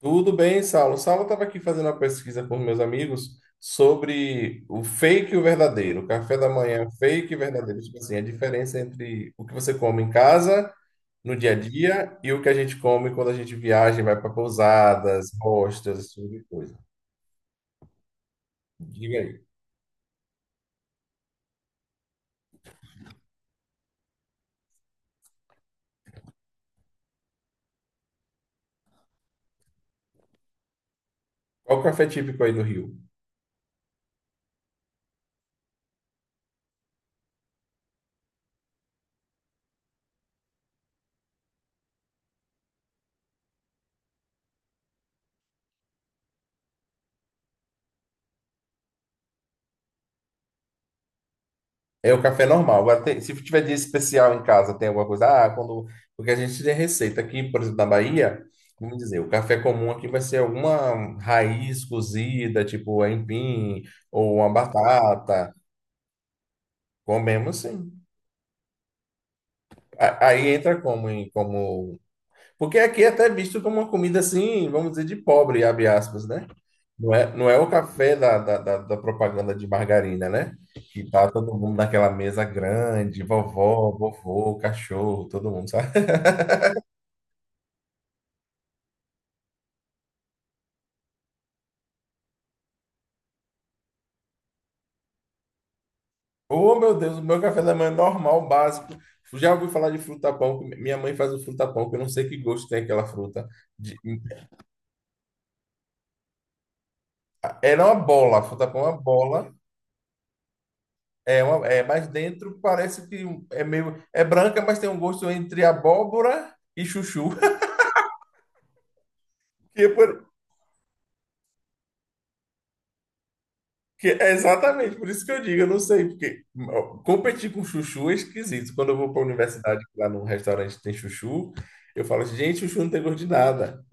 Tudo bem, Saulo. Saulo estava aqui fazendo uma pesquisa com meus amigos sobre o fake e o verdadeiro. O café da manhã, é fake e verdadeiro. Tipo assim, a diferença entre o que você come em casa, no dia a dia, e o que a gente come quando a gente viaja, e vai para pousadas, hostels, esse tipo de coisa. Diga aí. Qual o café típico aí do Rio? É o café normal. Agora, se tiver dia especial em casa, tem alguma coisa. Ah, quando. Porque a gente tem receita aqui, por exemplo, na Bahia, vamos dizer, o café comum aqui vai ser alguma raiz cozida, tipo aipim, ou uma batata. Comemos sim. Aí entra como, como. Porque aqui é até visto como uma comida assim, vamos dizer, de pobre, abre aspas, né? Não é o café da propaganda de margarina, né? Que tá todo mundo naquela mesa grande, vovó, vovô, cachorro, todo mundo, sabe? Oh, meu Deus, o meu café da manhã é normal, básico. Já ouvi falar de fruta-pão, que minha mãe faz o fruta-pão, que eu não sei que gosto tem aquela fruta. De- Era uma bola, fruta-pão é uma bola, mas dentro parece que é branca, mas tem um gosto entre abóbora e chuchu. Que é por- Que- é exatamente, por isso que eu digo, eu não sei, porque ó, competir com chuchu é esquisito. Quando eu vou para a universidade, lá num restaurante tem chuchu, eu falo assim, gente, chuchu não tem gosto de nada.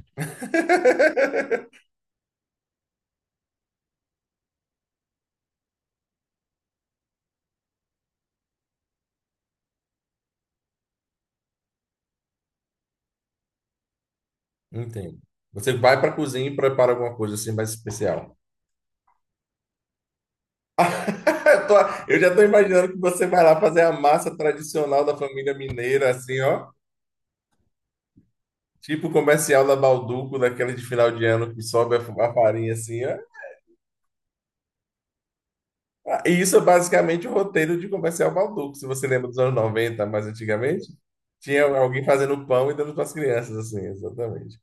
Entendo. Você vai para a cozinha e prepara alguma coisa assim mais especial. Eu tô- eu já estou imaginando que você vai lá fazer a massa tradicional da família mineira, assim, ó. Tipo o comercial da Balduco, daquele de final de ano que sobe a farinha assim, ó. Ah, e isso é basicamente o roteiro de comercial Balduco, se você lembra dos anos 90, mais antigamente. Tinha alguém fazendo pão e dando para as crianças, assim, exatamente.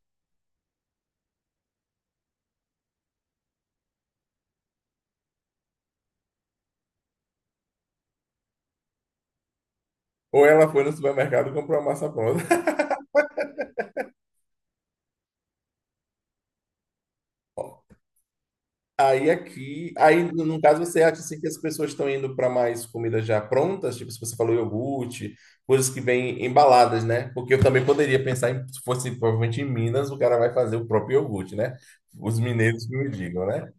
Ou ela foi no supermercado e comprou a massa pronta. Aí aqui, aí no caso você acha assim, que as pessoas estão indo para mais comidas já prontas, tipo se você falou iogurte, coisas que vêm embaladas, né? Porque eu também poderia pensar em, se fosse provavelmente em Minas, o cara vai fazer o próprio iogurte, né? Os mineiros que me digam, né?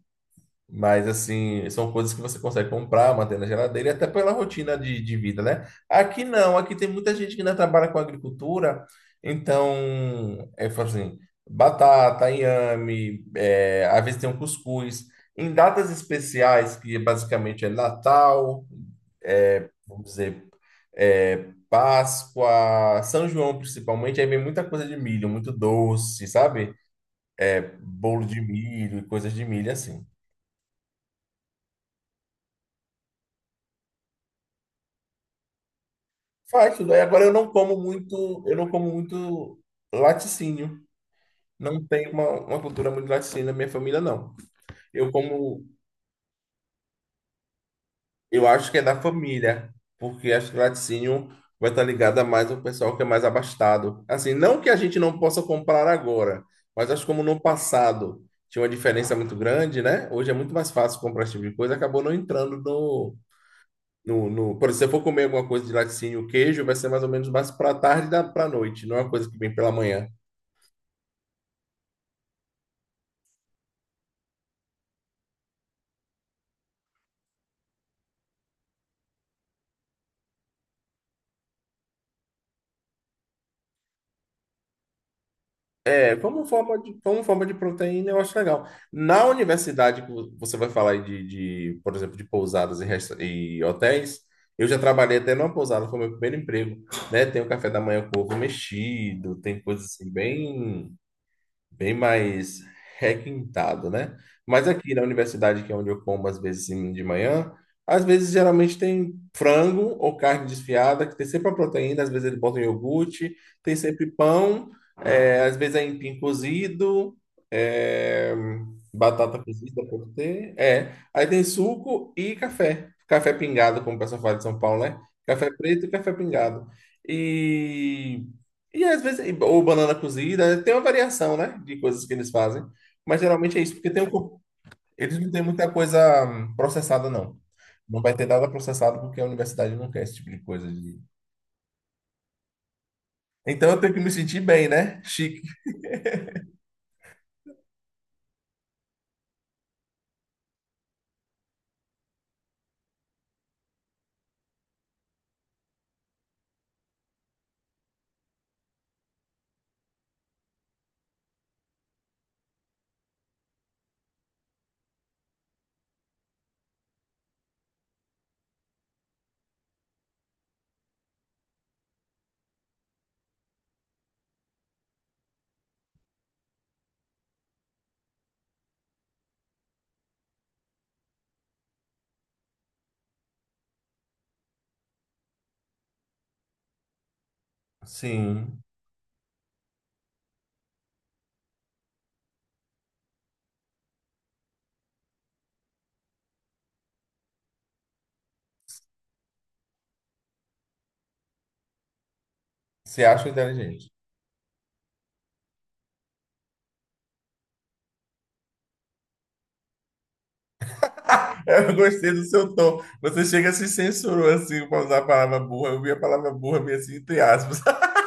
Mas, assim, são coisas que você consegue comprar, manter na geladeira, e até pela rotina de vida, né? Aqui não, aqui tem muita gente que ainda trabalha com agricultura, então, fala assim, batata, inhame, às vezes tem um cuscuz. Em datas especiais, que é basicamente Natal, vamos dizer, Páscoa, São João principalmente, aí vem muita coisa de milho, muito doce, sabe? Bolo de milho e coisas de milho, assim. Faz tudo. Aí agora eu não como muito laticínio. Não tem uma cultura muito laticínio na minha família, não. Eu como, eu acho que é da família, porque acho que laticínio vai estar ligado a mais o pessoal que é mais abastado. Assim, não que a gente não possa comprar agora, mas acho que como no passado tinha uma diferença muito grande, né? Hoje é muito mais fácil comprar esse tipo de coisa, acabou não entrando no. Por exemplo, se eu for comer alguma coisa de laticínio, queijo, vai ser mais ou menos mais para tarde da para noite, não é uma coisa que vem pela manhã. Como forma de proteína, eu acho legal. Na universidade, que você vai falar aí de, por exemplo, de pousadas e, e hotéis, eu já trabalhei até numa pousada, foi meu primeiro emprego, né? Tem o café da manhã com ovo mexido, tem coisas assim bem mais requintado, né? Mas aqui na universidade, que é onde eu como às vezes de manhã, às vezes geralmente tem frango ou carne desfiada, que tem sempre a proteína, às vezes eles botam iogurte, tem sempre pão, às vezes é empim cozido, é, batata cozida pode ter. Aí tem suco e café. Café pingado, como o pessoal fala de São Paulo, né? Café preto e café pingado. E e às vezes, ou banana cozida, tem uma variação, né, de coisas que eles fazem. Mas geralmente é isso, porque eles não têm muita coisa processada, não. Não vai ter nada processado porque a universidade não quer esse tipo de coisa. Então eu tenho que me sentir bem, né? Chique. Sim, se acha inteligente. Eu gostei do seu tom. Você chega se censurou assim para usar a palavra burra. Eu vi a palavra burra meio assim, entre aspas.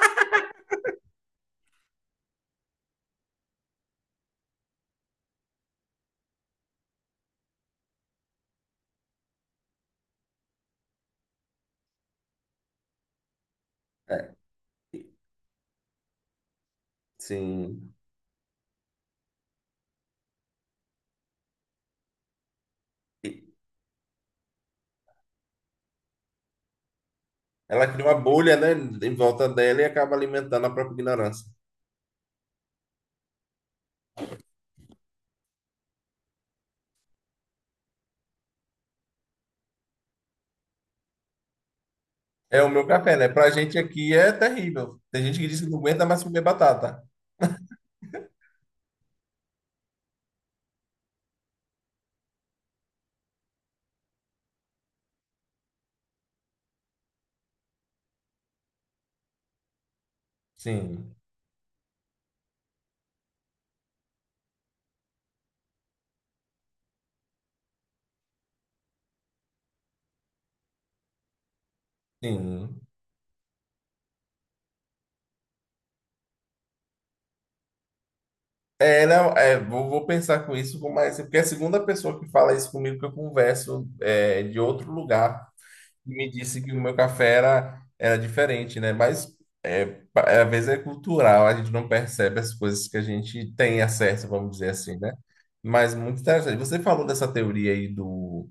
É, sim. Ela cria uma bolha, né, em volta dela e acaba alimentando a própria ignorância. É o meu café, né? Pra gente aqui é terrível. Tem gente que diz que não aguenta mais comer batata. Sim, sim. Não, vou pensar com isso, com mais, porque é a segunda pessoa que fala isso comigo que eu converso de outro lugar e me disse que o meu café era diferente, né? Mas é, às vezes é cultural, a gente não percebe as coisas que a gente tem acesso, vamos dizer assim, né? Mas muito interessante. Você falou dessa teoria aí do,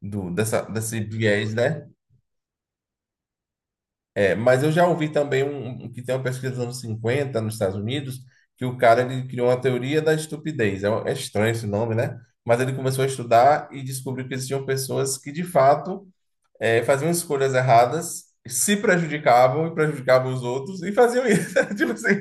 do dessa, desse viés, né? Mas eu já ouvi também que tem uma pesquisa dos anos 50 nos Estados Unidos, que o cara ele criou uma teoria da estupidez. É estranho esse nome, né? Mas ele começou a estudar e descobriu que existiam pessoas que, de fato, faziam escolhas erradas, se prejudicavam e prejudicavam os outros e faziam isso. Tipo assim,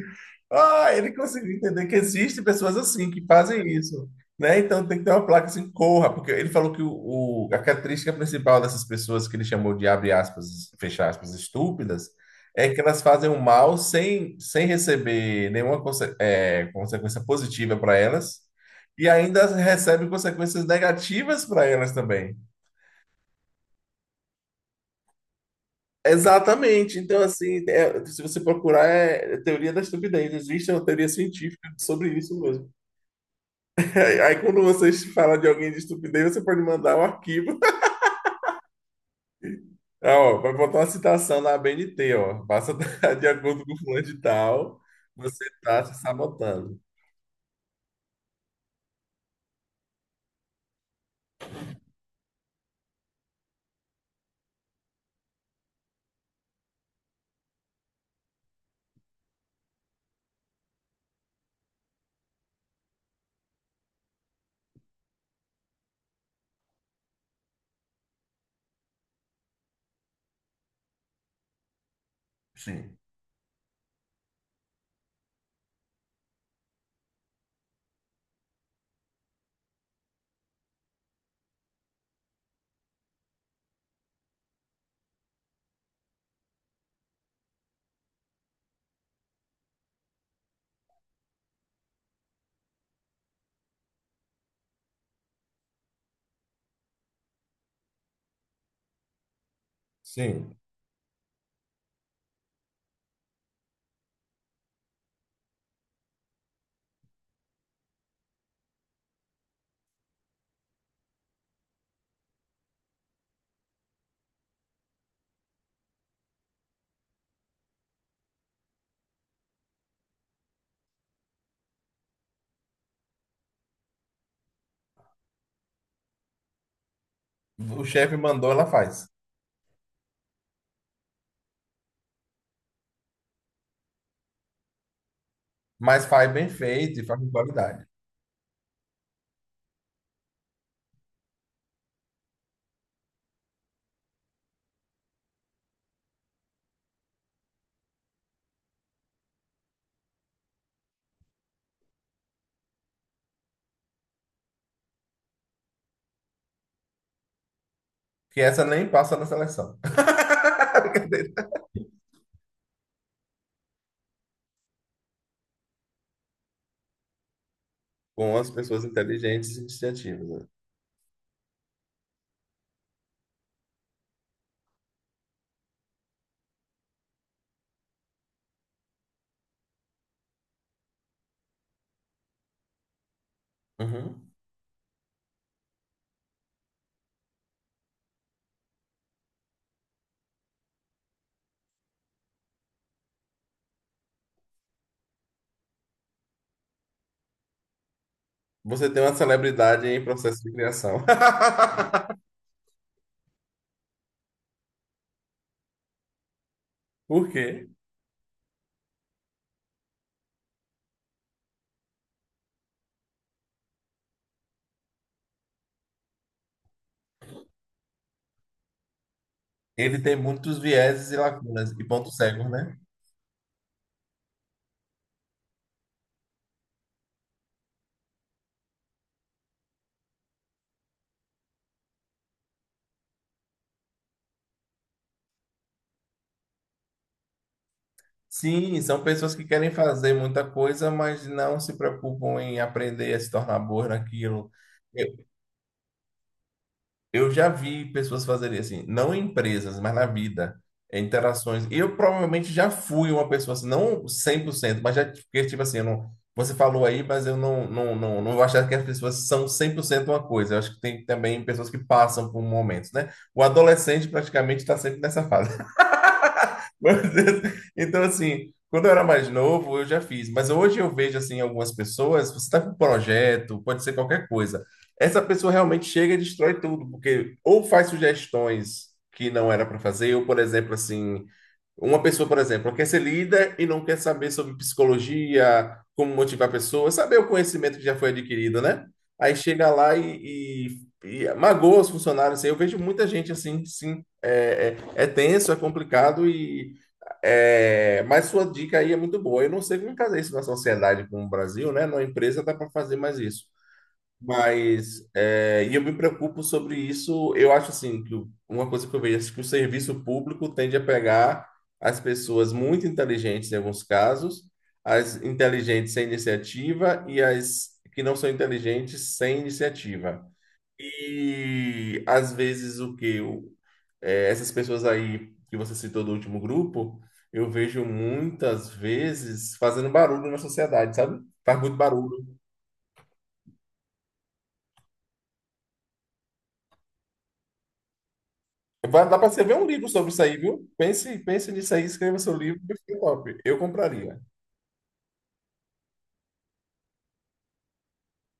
ah, ele conseguiu entender que existe pessoas assim que fazem isso, né? Então tem que ter uma placa assim, corra, porque ele falou que a característica principal dessas pessoas que ele chamou de abre aspas, fecha aspas, estúpidas, é que elas fazem o mal sem receber nenhuma consequência positiva para elas. E ainda recebem consequências negativas para elas também. Exatamente. Então, assim, se você procurar, é teoria da estupidez. Existe uma teoria científica sobre isso mesmo. Aí quando você fala de alguém de estupidez, você pode mandar o arquivo. Ah, ó, vai botar uma citação na ABNT, ó. Passa de acordo com o fulano de tal, você tá se sabotando. Sim. Sim. O chefe mandou, ela faz. Mas faz bem feito e faz com qualidade. Que essa nem passa na seleção. Com as pessoas inteligentes e iniciativas, né? Uhum. Você tem uma celebridade em processo de criação. Por quê? Ele tem muitos vieses e lacunas e pontos cegos, né? Sim, são pessoas que querem fazer muita coisa, mas não se preocupam em aprender a se tornar boa naquilo. Eu já vi pessoas fazerem assim, não em empresas, mas na vida, em interações. Eu provavelmente já fui uma pessoa assim, não 100%, mas já, porque, tipo assim, eu não, você falou aí, mas eu não vou achar que as pessoas são 100% uma coisa. Eu acho que tem também pessoas que passam por momentos, né? O adolescente praticamente está sempre nessa fase. Mas, então, assim, quando eu era mais novo, eu já fiz. Mas hoje eu vejo, assim, algumas pessoas, você está com um projeto, pode ser qualquer coisa. Essa pessoa realmente chega e destrói tudo, porque ou faz sugestões que não era para fazer, ou, por exemplo, assim, uma pessoa, por exemplo, quer ser líder e não quer saber sobre psicologia, como motivar pessoas, saber o conhecimento que já foi adquirido, né? Aí chega lá e magoa os funcionários. Assim. Eu vejo muita gente assim, sim, é tenso, é complicado e mas sua dica aí é muito boa. Eu não sei como fazer isso na sociedade como o Brasil, né? Na empresa dá para fazer mais isso. Mas, e eu me preocupo sobre isso. Eu acho assim que uma coisa que eu vejo é que o serviço público tende a pegar as pessoas muito inteligentes em alguns casos, as inteligentes sem iniciativa e as que não são inteligentes sem iniciativa. E às vezes o que eu, eh, essas pessoas aí que você citou do último grupo, eu vejo muitas vezes fazendo barulho na sociedade, sabe? Faz muito barulho. Vai dar para você ver um livro sobre isso aí, viu? Pense, pense nisso aí, escreva seu livro, que fica top. Eu compraria.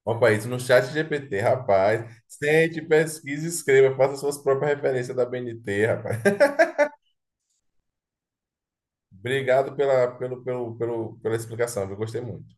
Opa, isso no chat GPT, rapaz. Sente, pesquise, escreva, faça suas próprias referências da BNT, rapaz. Obrigado pela, pelo, pelo, pelo, pela explicação, eu gostei muito.